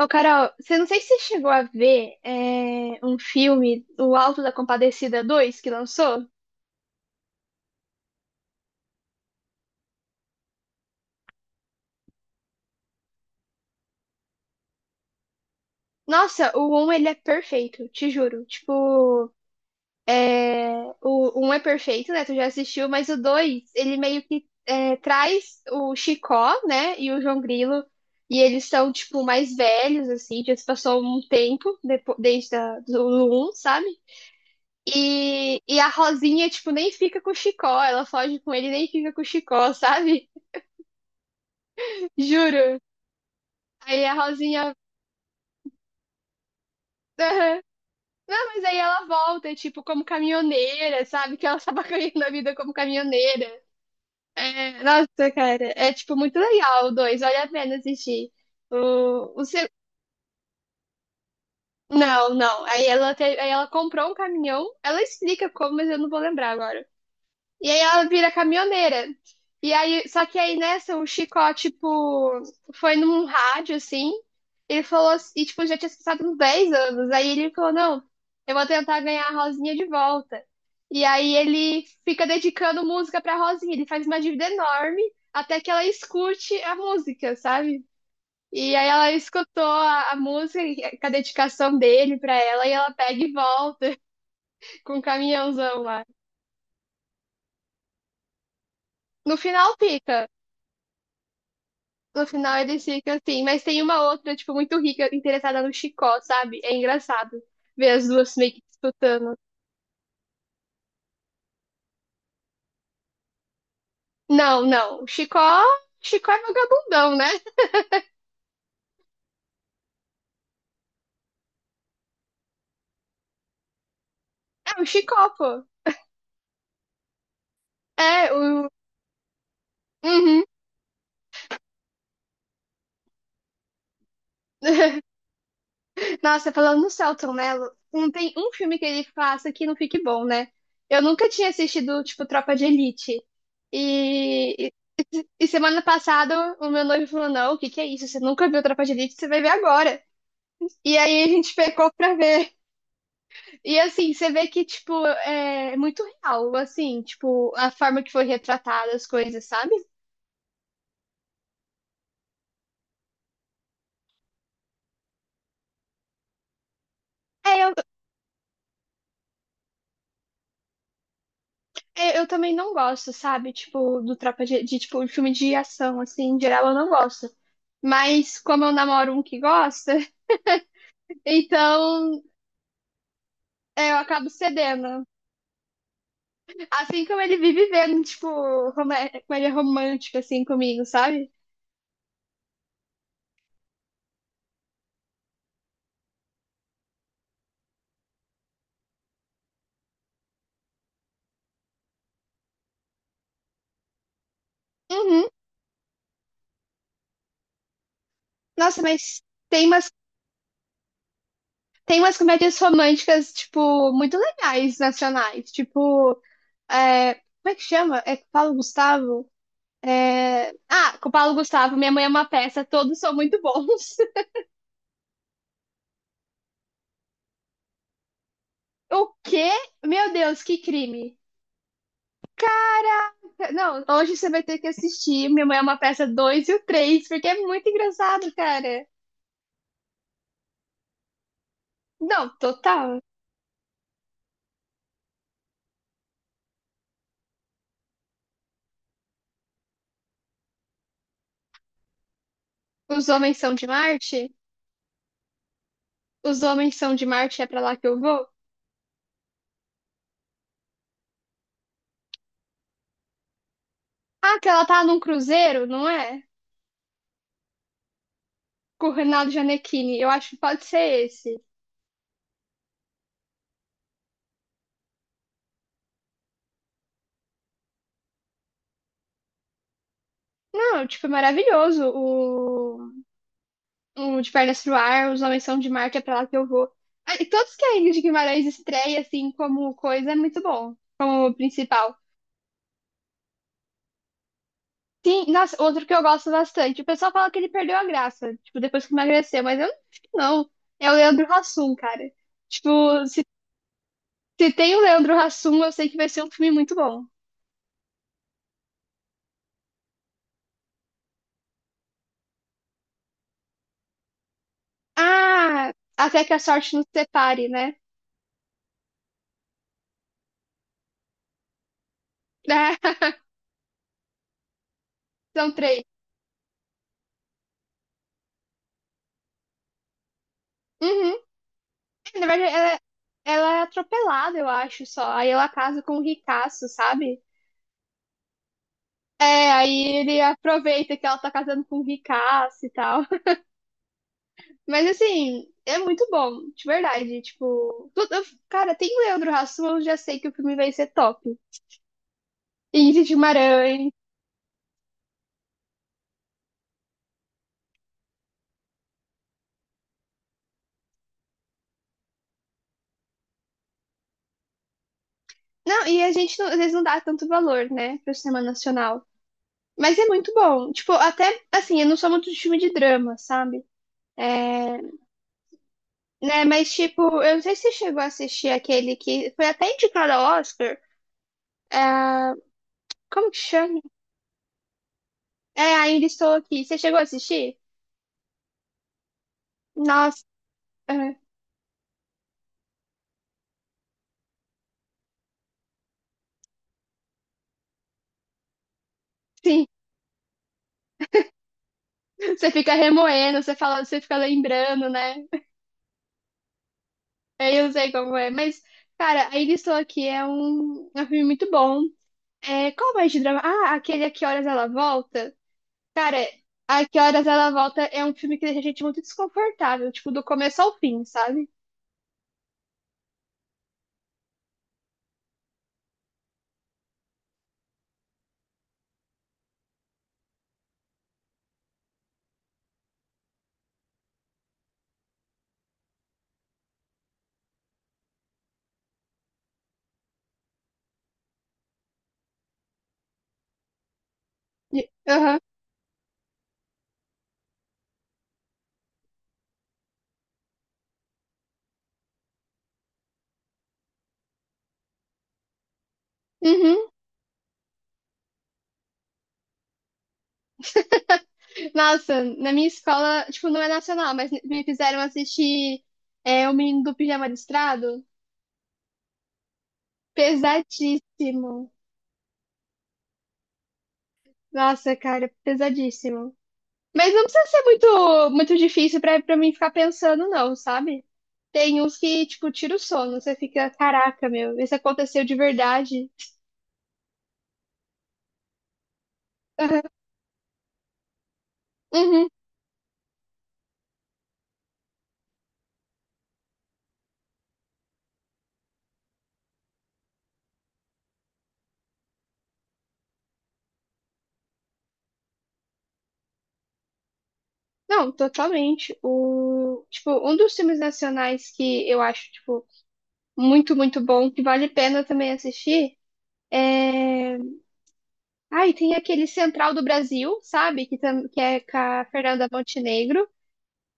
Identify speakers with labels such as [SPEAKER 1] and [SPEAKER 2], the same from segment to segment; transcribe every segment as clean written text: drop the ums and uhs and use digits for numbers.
[SPEAKER 1] Ô, Carol, você não sei se você chegou a ver um filme, O Alto da Compadecida dois que lançou. Nossa, o um ele é perfeito, te juro. Tipo, o um é perfeito, né? Tu já assistiu, mas o 2, ele meio que traz o Chicó, né? E o João Grilo. E eles são, tipo, mais velhos, assim, já se passou um tempo desde do um, sabe? E a Rosinha, tipo, nem fica com o Chicó, ela foge com ele e nem fica com o Chicó, sabe? Juro. Aí a Rosinha. Aham. Mas aí ela volta, tipo, como caminhoneira, sabe? Que ela tava ganhando a vida como caminhoneira. É, nossa, cara, é tipo muito legal o dois, vale a pena assistir. O se- Não, não. Aí aí ela comprou um caminhão, ela explica como, mas eu não vou lembrar agora. E aí ela vira caminhoneira. E aí, só que aí nessa, o Chicó, tipo, foi num rádio, assim, ele falou, tipo, já tinha se passado uns 10 anos. Aí ele falou, não, eu vou tentar ganhar a Rosinha de volta. E aí ele fica dedicando música pra Rosinha, ele faz uma dívida enorme até que ela escute a música, sabe? E aí ela escutou a música com a dedicação dele pra ela e ela pega e volta com o caminhãozão lá. No final fica. No final eles ficam assim, mas tem uma outra, tipo, muito rica, interessada no Chicó, sabe? É engraçado ver as duas meio que disputando. Não, não, o Chicó, Chicó é vagabundão, né? É o Chicó, pô. É, o. Uhum. Nossa, falando no Selton Mello, não tem um filme que ele faça que não fique bom, né? Eu nunca tinha assistido, tipo, Tropa de Elite. E, e semana passada o meu noivo falou: Não, o que que é isso? Você nunca viu Tropa de Elite? Você vai ver agora. E aí a gente pecou pra ver. E assim, você vê que, tipo, é muito real, assim, tipo, a forma que foi retratada as coisas, sabe? É, eu, eu também não gosto, sabe? Tipo, do Tropa tipo, filme de ação, assim, em geral eu não gosto. Mas como eu namoro um que gosta, então eu acabo cedendo. Assim como ele vive vendo, tipo, como ele é romântico, assim, comigo, sabe? Uhum. Nossa, mas tem umas, tem umas comédias românticas, tipo, muito legais, nacionais. Tipo, é, como é que chama? É com o Paulo Gustavo? Com o Paulo Gustavo, Minha Mãe é uma Peça, todos são muito bons. O quê? Meu Deus, que crime. Não, hoje você vai ter que assistir Minha Mãe é uma Peça dois e o 3 porque é muito engraçado, cara. Não, total. Os Homens São de Marte? Os Homens São de Marte é pra lá que eu vou? Ah, que ela tá num cruzeiro, não é? Com o Reinaldo Gianecchini. Eu acho que pode ser esse. Não, tipo, é maravilhoso. O De Pernas pro Ar, Os Homens São de Marte, é pra lá que eu vou. Ah, e todos que a Ingrid Guimarães estreia, assim, como coisa, é muito bom, como principal. Sim, nossa, outro que eu gosto bastante. O pessoal fala que ele perdeu a graça, tipo, depois que emagreceu, mas eu não acho que não. É o Leandro Hassum, cara. Tipo, se tem o Leandro Hassum, eu sei que vai ser um filme muito bom. Ah, até que a sorte nos separe, né? São três. Uhum. Na verdade, ela é atropelada, eu acho, só. Aí ela casa com o ricaço, sabe? É, aí ele aproveita que ela tá casando com um ricaço e tal. Mas assim, é muito bom, de verdade. Cara, tem Leandro Hassum, eu já sei que o filme vai ser top. E Ingrid Guimarães. Não, e a gente não, às vezes não dá tanto valor, né, pro cinema nacional. Mas é muito bom. Tipo, até assim, eu não sou muito de filme de drama, sabe? É, né, mas tipo, eu não sei se você chegou a assistir aquele que foi até indicado ao Oscar. É, como que chama? É, ainda estou aqui. Você chegou a assistir? Nossa, é, sim. Você fica remoendo, você fala, você fica lembrando, né? É, eu não sei como é. Mas, cara, Ainda Estou Aqui é um filme muito bom. É, qual mais de drama? Ah, aquele A Que Horas Ela Volta. Cara, A Que Horas Ela Volta é um filme que deixa a gente muito desconfortável, tipo, do começo ao fim, sabe? E- Aham. Uhum. Nossa, na minha escola, tipo, não é nacional, mas me fizeram assistir O Menino do Pijama Listrado. Pesadíssimo. Nossa, cara, pesadíssimo. Mas não precisa ser muito, muito difícil pra, pra mim ficar pensando, não, sabe? Tem uns que, tipo, tira o sono, você fica, caraca, meu, isso aconteceu de verdade. Uhum. Não, totalmente. O, tipo, um dos filmes nacionais que eu acho, tipo, muito, muito bom, que vale a pena também assistir, é... Ai, tem aquele Central do Brasil, sabe? Que é com a Fernanda Montenegro.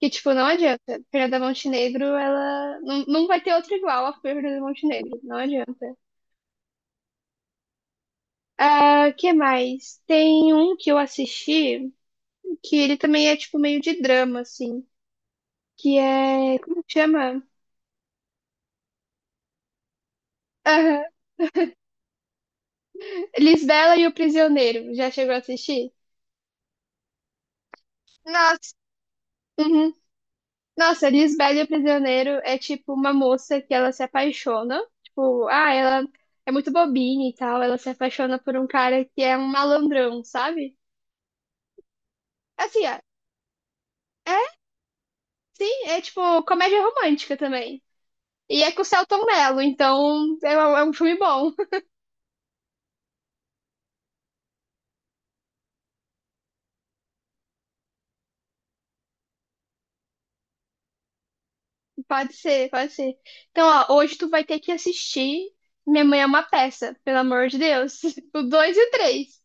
[SPEAKER 1] Que, tipo, não adianta. Fernanda Montenegro, ela. Não, não vai ter outra igual a Fernanda Montenegro. Não adianta. Ah, que mais? Tem um que eu assisti que ele também é, tipo, meio de drama, assim. Que é. Como que chama? Aham. Lisbela e o Prisioneiro. Já chegou a assistir? Nossa, uhum. Nossa, Lisbela e o Prisioneiro é tipo uma moça que ela se apaixona. Tipo, ah, ela é muito bobinha e tal. Ela se apaixona por um cara que é um malandrão, sabe? Assim, ah, é Sim, é tipo comédia romântica também. E é com o Selton Mello, então é um filme bom. Pode ser, pode ser. Então, ó, hoje tu vai ter que assistir Minha Mãe é uma Peça, pelo amor de Deus. O 2 e o 3.